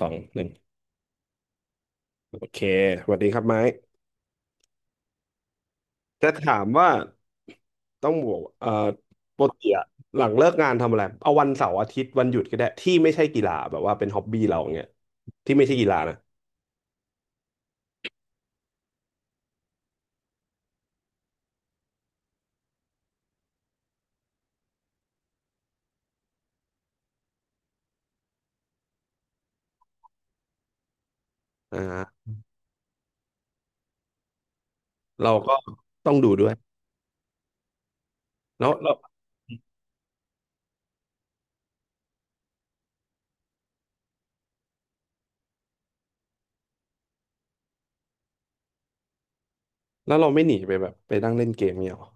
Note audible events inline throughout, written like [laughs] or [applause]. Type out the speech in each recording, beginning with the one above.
สองหนึ่งโอเคสวัสดีครับไม้จะถามว่าต้องบอกปกติอะหลังเลิกงานทำอะไรเอาวันเสาร์อาทิตย์วันหยุดก็ได้ที่ไม่ใช่กีฬาแบบว่าเป็นฮ็อบบี้เราเงี้ยที่ไม่ใช่กีฬานะอ่าเราก็ต้องดูด้วยแล้วแล้วแล้วเราไม่หนีไปแบบไปนั่งเล่นเกมเนี้ยหรอ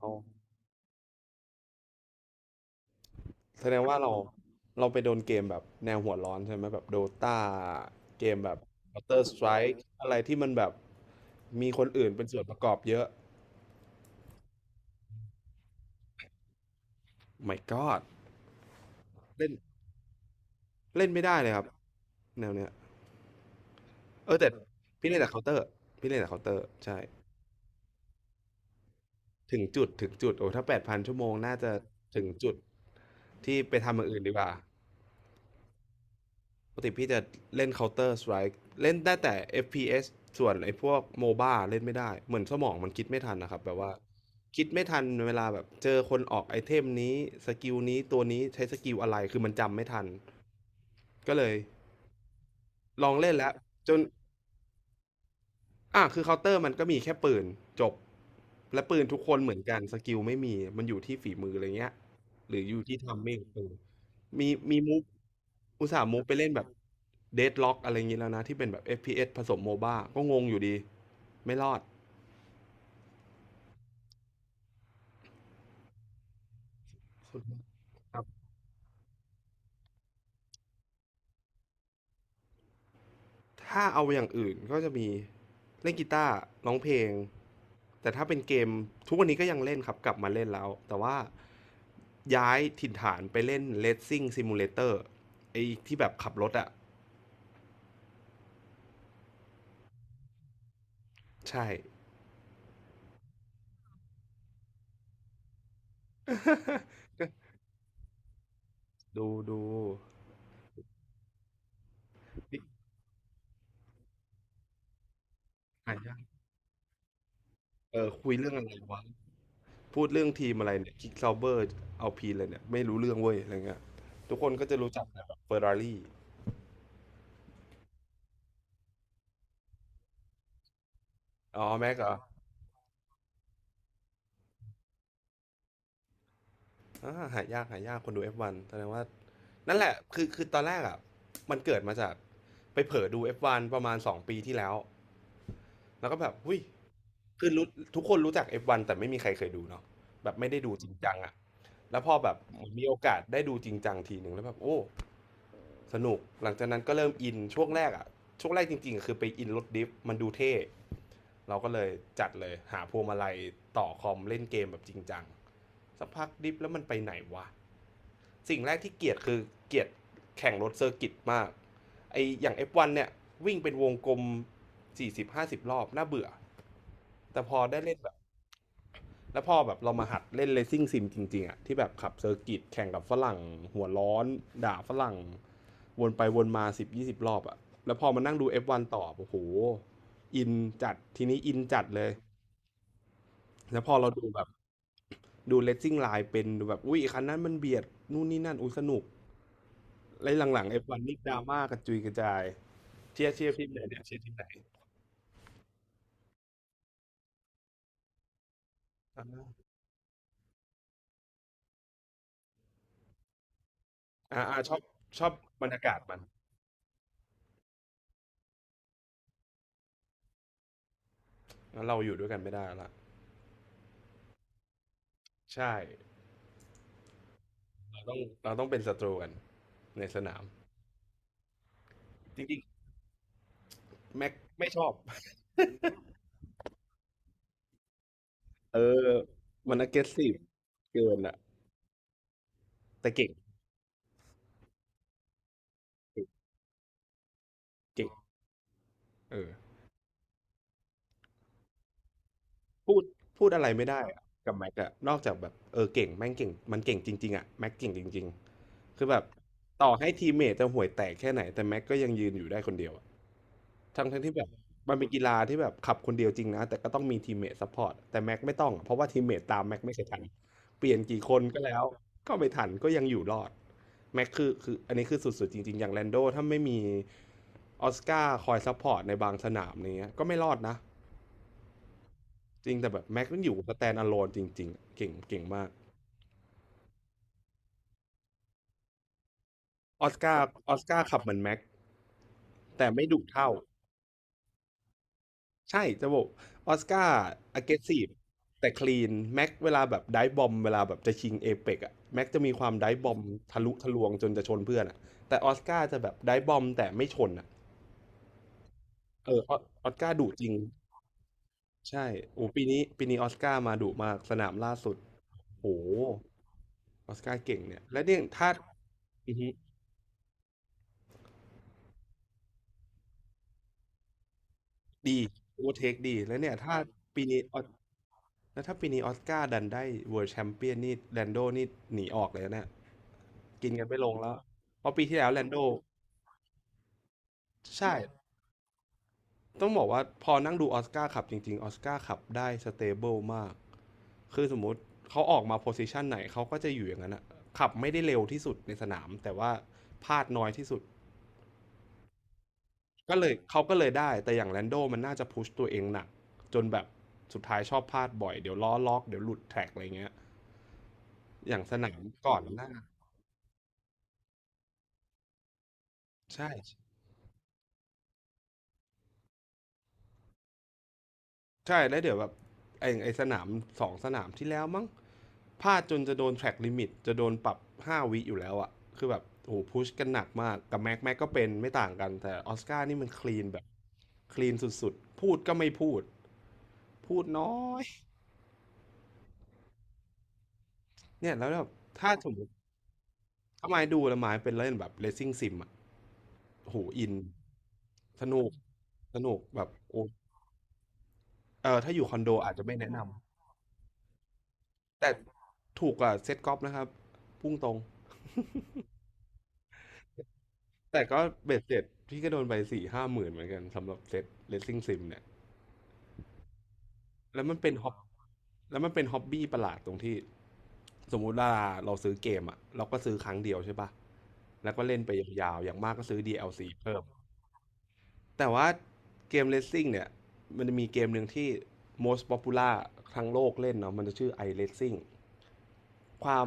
อ๋อแสดงว่าเราเราไปโดนเกมแบบแนวหัวร้อนใช่ไหมแบบโดตาเกมแบบ Counter Strike อะไรที่มันแบบมีคนอื่นเป็นส่วนประกอบเยอะ My God เล่น เล่นไม่ได้เลยครับแนวเนี้ยเออแต่พี่เล่นแต่เคาน์เตอร์พี่เล่นแต่เคาน์เตอร์ใช่ถึงจุดโอ้ถ้าแปดพันชั่วโมงน่าจะถึงจุดที่ไปทำอย่างอื่นดีกว่าปกติพี่จะเล่นเคาน์เตอร์สไ k e เล่นได้แต่ FPS สส่วนไอ้พวกโมบ้าเล่นไม่ได้เหมือนสมองมันคิดไม่ทันนะครับแบบว่าคิดไม่ทันเวลาแบบเจอคนออกไอเทมนี้สกิลนี้ตัวนี้ใช้สกิลอะไรคือมันจำไม่ทันก็เลยลองเล่นแล้วจน อ่าคือเคาน์เตอร์มันก็มีแค่ปืนจบและปืนทุกคนเหมือนกันสกิลไม่มีมันอยู่ที่ฝีมืออะไรเงี้ยหรืออยู่ที่ทำไม่ตรงมีมุกอุตส่าห์มุกไปเล่นแบบเดดล็อกอะไรเงี้ยแล้วนะที่เป็นแบบ FPS ผสมโมบ้าก็งงอยู่ดีไม่รอดถ้าเอาอย่างอื่นก็จะมีเล่นกีตาร์ร้องเพลงแต่ถ้าเป็นเกมทุกวันนี้ก็ยังเล่นครับกลับมาเล่นแล้วแต่ว่าย้ายถิ่นฐานไปเล่น Racing Simulator ไอ้ที่แบบขับรถอะ ใช่ [laughs] ก็ดูนี่อ่านยังเออคุยเรื่องอะไรวะพูดเรื่องทีมอะไรเนี่ยคิกซาวเบอร์เอาพีเลยเนี่ยไม่รู้เรื่องเว้ยอะไรเงี้ยทุกคนก็จะรู้จักแต่แบบเฟอร์รารี่อ๋อแม็กเหรออ่าหายากหายากคนดู F1 แสดงว่านั่นแหละคือตอนแรกอ่ะมันเกิดมาจากไปเผลอดู F1 ประมาณ2ปีที่แล้วแล้วก็แบบหุ้ย คือรู้ทุกคนรู้จัก F1 แต่ไม่มีใครเคยดูเนาะแบบไม่ได้ดูจริงจังอะแล้วพอแบบเหมือนมีโอกาสได้ดูจริงจังทีหนึ่งแล้วแบบโอ้สนุกหลังจากนั้นก็เริ่มอินช่วงแรกอะช่วงแรกจริงๆอะคือไปอินรถดิฟมันดูเท่เราก็เลยจัดเลยหาพวงมาลัยต่อคอมเล่นเกมแบบจริงจังสักพักดิฟแล้วมันไปไหนวะสิ่งแรกที่เกลียดคือเกลียดแข่งรถเซอร์กิตมาก ไออย่าง F1 เนี่ยวิ่งเป็นวงกลม40-50รอบน่าเบื่อแต่พอได้เล่นแบบแล้วพอแบบเรามาหัดเล่นเล c ซิ่งซิมจริงๆอะที่แบบขับเซอร์กิตแข่งกับฝรั่งหัวร้อนด่าฝรั่งวนไปวนมา10-20รอบอะแล้วพอมานั่งดู F1 ต่อโอ้โหอินจัดทีนี้อินจัดเลยแล้วพอเราดูแบบดูเล c ซิ่งไลน์เป็นดูแบบอุ้ยคันนั้นมันเบียดนู่นนี่นั่นอุ้ยสนุกแล้วหลังๆ F1 นนี่ดราม่ากระจุยกระจายเชียร์ทีมไหนเนี่ยเชียร์ทีมไหน อ่าชอบชอบบรรยากาศมันแล้วเราอยู่ด้วยกันไม่ได้ละใช่เราต้องเราต้องเป็นศัตรูกันในสนามจริงๆแม็กไม่ชอบเออมัน aggressive เกินอะแต่เก่งเก่งเก่งเออพูดพูดอะไรไม่ได้อะกับแม็กอะนอกจากแบบเออเก่งแม่งเก่งมันเก่งจริงๆอะแม็กเก่งจริงๆคือแบบต่อให้ทีมเมทจะห่วยแตกแค่ไหนแต่แม็กก็ยังยืนอยู่ได้คนเดียวอะ ทั้งที่แบบมันเป็นกีฬาที่แบบขับคนเดียวจริงนะแต่ก็ต้องมีทีมเมทซัพพอร์ตแต่แม็กไม่ต้องอะเพราะว่าทีมเมทตามแม็กไม่เคยทันเปลี่ยนกี่คนก็แล้วก็ไม่ทันก็ยังอยู่รอดแม็กคืออันนี้คือสุดๆจริงๆอย่างแลนโดถ้าไม่มีออสการ์คอยซัพพอร์ตในบางสนามเนี้ยก็ไม่รอดนะจริงแต่แบบแม็กมันอยู่สแตนด์อะโลนจริงๆเก่งเก่งมากออสการ์ขับเหมือนแม็กแต่ไม่ดุเท่า ใช่จะบอกออสการ์ aggressive แต่ clean แม็กเวลาแบบไดฟ์บอมเวลาแบบจะชิงเอ e ปกอะแม็กจะมีความไดฟ์บอมทะลุทะลวงจนจะชนเพื่อนอะแต่ออสการ์จะแบบไดฟ์บอมแต่ไม่ชนอะเออออออสการ์ดุจริงใช่โอ้ปีนี้ออสการ์มาดุมากสนามล่าสุดโหออสการ์เก่งเนี่ยและเนี่ยถ้าอือฮึ ดี Overtake ดีแล้วเนี่ยถ้าปีนี้ออสแล้วถ้าปีนี้ออสการ์ดันได้ World Champion นี่แลนโดนี่หนีออกเลยนะเนี่ยกินกันไม่ลงแล้วเพราะปีที่แล้วแลนโดใช่ต้องบอกว่าพอนั่งดูออสการ์ขับจริงๆออสการ์ขับได้สเตเบิลมากคือสมมุติเขาออกมาโพสิชันไหนเขาก็จะอยู่อย่างนั้นอะขับไม่ได้เร็วที่สุดในสนามแต่ว่าพลาดน้อยที่สุด ก็เลยเขาก็เลยได้แต่อย่างแลนโดมันน่าจะพุชตัวเองหนักจนแบบสุดท้ายชอบพลาดบ่อยเดี๋ยวล้อล็อกเดี๋ยวหลุดแท็กอะไรเงี้ยอย่างสนามก่อนหน้าใช่ใช่แล้วเดี๋ยวแบบไอ้สนามสองสนามที่แล้วมั้งพลาดจนจะโดนแทร็กลิมิตจะโดนปรับ5 วิอยู่แล้วอะคือแบบโอ้โหพุชกันหนักมากกับแม็กแม็กก็เป็นไม่ต่างกันแต่ออสการ์นี่มันคลีนแบบคลีนสุดๆพูดก็ไม่พูดพูดน้อยเนี่ยแล้วแบบถ้าสมมติ ถ้าไม้ดูแล้วไม้เป็นเล่นแบบเ a ซ i ่งซิมอ่ะโหอินสนุกสนุกแบบโอ้เออถ้าอยู่คอนโดอาจจะไม่แนะนำ แต่ถูกกว่าเซ็ตกอล์ฟนะครับพุ่งตรง แต่ก็เบ็ดเสร็จพี่ก็โดนไปสี่ห้าหมื่นเหมือนกันสำหรับเซ็ตเลสซิ่งซิมเนี่ยแล้วมันเป็นฮอบแล้วมันเป็นฮ็อบบี้ประหลาดตรงที่สมมุติว่าเราซื้อเกมอะเราก็ซื้อครั้งเดียวใช่ปะแล้วก็เล่นไปยาวๆอย่างมากก็ซื้อ DLC เพิ่ม แต่ว่าเกมเลสซิ่งเนี่ยมันจะมีเกมหนึ่งที่ most popular ทั้งโลกเล่นเนาะมันจะชื่อ iRacing ความ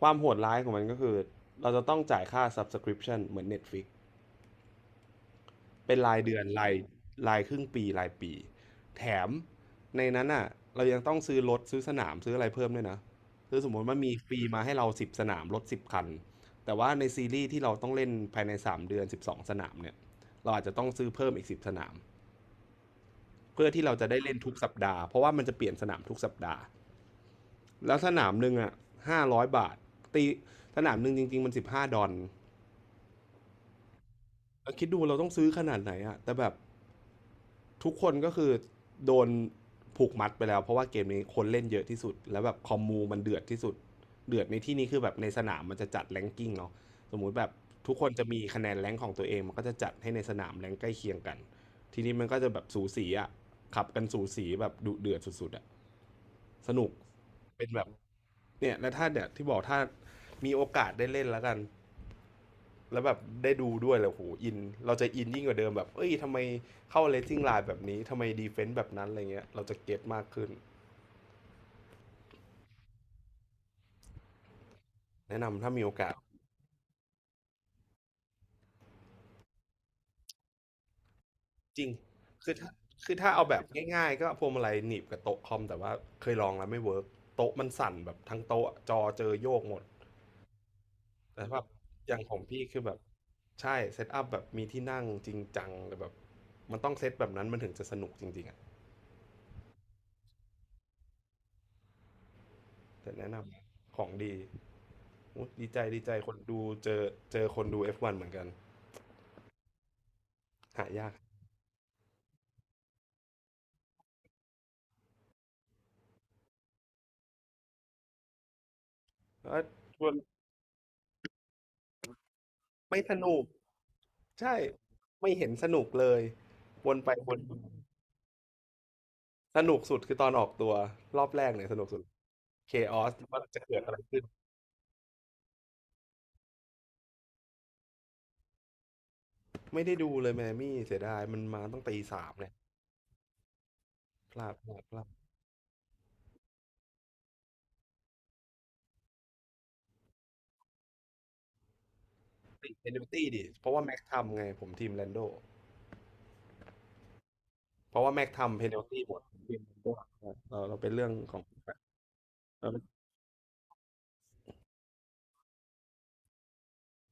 ความโหดร้ายของมันก็คือเราจะต้องจ่ายค่า subscription เหมือน Netflix เป็นรายเดือนรายครึ่งปีรายปีแถมในนั้นอ่ะเรายังต้องซื้อรถซื้อสนามซื้ออะไรเพิ่มด้วยนะคือสมมติว่ามีฟรีมาให้เราสิบสนามรถ 10 คันแต่ว่าในซีรีส์ที่เราต้องเล่นภายใน3 เดือน12 สนามเนี่ยเราอาจจะต้องซื้อเพิ่มอีกสิบสนาม เพื่อที่เราจะได้เล่นทุกสัปดาห์เพราะว่ามันจะเปลี่ยนสนามทุกสัปดาห์แล้วสนามหนึ่งอ่ะ500 บาทตีสนามหนึ่งจริงๆมัน15 ดอลคิดดูเราต้องซื้อขนาดไหนอ่ะแต่แบบ ทุกคนก็คือโดนผูกมัดไปแล้วเพราะว่าเกมนี้คนเล่นเยอะที่สุดแล้วแบบคอมมูมันเดือดที่สุดเดือดในที่นี้คือแบบในสนามมันจะจัดแรงกิ้งเนาะสมมุติแบบทุกคนจะมีคะแนนแรงของตัวเองมันก็จะจัดให้ในสนามแรงใกล้เคียงกันทีนี้มันก็จะแบบสูสีอะขับกันสูสีแบบดุเดือดสุดๆอะสนุกเป็นแบบเนี่ยและถ้าเนี่ยที่บอกถ้ามีโอกาสได้เล่นแล้วกัน แล้วแบบได้ดูด้วยแล้วโหอินเราจะอินยิ่งกว่าเดิมแบบเอ้ยทำไมเข้าเลสซิ่งไลน์แบบนี้ทำไมดีเฟนต์แบบนั้นอะไรเงี้ยเราจะเก็ตมากขึ้นแนะนำถ้ามีโอกาสจริงคือถ้าคือถ้าเอาแบบง่ายๆก็พวงมาลัยหนีบกับโต๊ะคอมแต่ว่าเคยลองแล้วไม่เวิร์กโต๊ะมันสั่นแบบทั้งโต๊ะจอเจอโยกหมดแต่แบบอย่างของพี่คือแบบใช่เซตอัพแบบมีที่นั่งจริงจังแต่แบบมันต้องเซตแบบนั้นมันถึงจะสนุกจริงๆอะ แต่แนะนำของดีอุ๊ยดีใจดีใจคนดูเจอคนดู F1 เหมือนกันหายากเอ้ชวนไม่สนุกใช่ไม่เห็นสนุกเลยวนไปวนมาสนุกสุดคือตอนออกตัวรอบแรกเนี่ยสนุกสุดเคออสว่าจะเกิดอะไรขึ้นไม่ได้ดูเลยแมมี่เสียดายมันมาตั้งตีสามเนี่ยพลาดติดเพนัลตี้ดิเพราะว่าแม็กทำไงผมทีมแลนโดเพราะว่าแม็กทำเพนัลตี้หมดทีมแลนโดเราเป็นเรื่องของเออ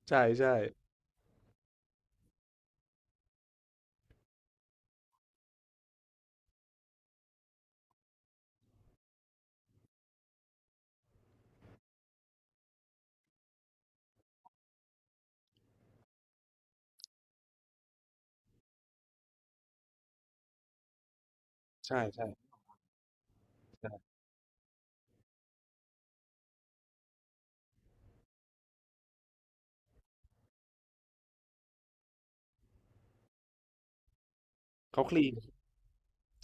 ใช่ใช่ใช่ใช่ เขาคลีน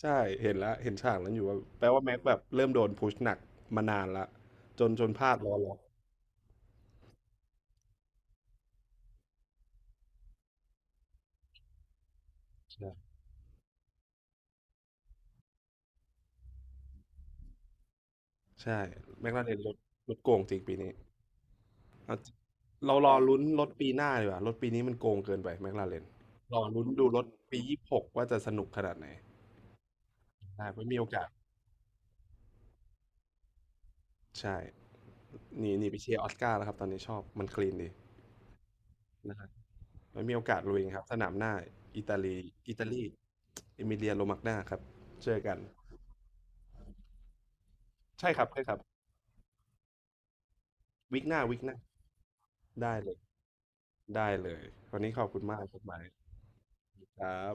ใช่เห็นแล้วเห็นฉากนั้นอยู่ว่าแปลว่าแม็กแบบเริ่มโดนพุชหนักมานานละจนพลาดล้อล็อกใช่ใช่แม็กลาเรนรถโกงจริงปีนี้เอาจริงเรารอลุ้นรถปีหน้าดีกว่ารถปีนี้มันโกงเกินไปแม็กลาเรนรอลุ้นดูรถปี26ว่าจะสนุกขนาดไหนใช่ไม่มีโอกาสใช่หนี่นี่ไปเชียร์ออสการ์แล้วครับตอนนี้ชอบมันคลีนดีนะครับไม่มีโอกาสลุยครับสนามหน้าอิตาลีอิตาลีเอมิเลียโรมากนาครับเจอกันใช่ครับใช่ครับ วิกหน้าวิกหน้าได้เลยได้เลยวันนี้ขอบคุณมากครับไมคครับ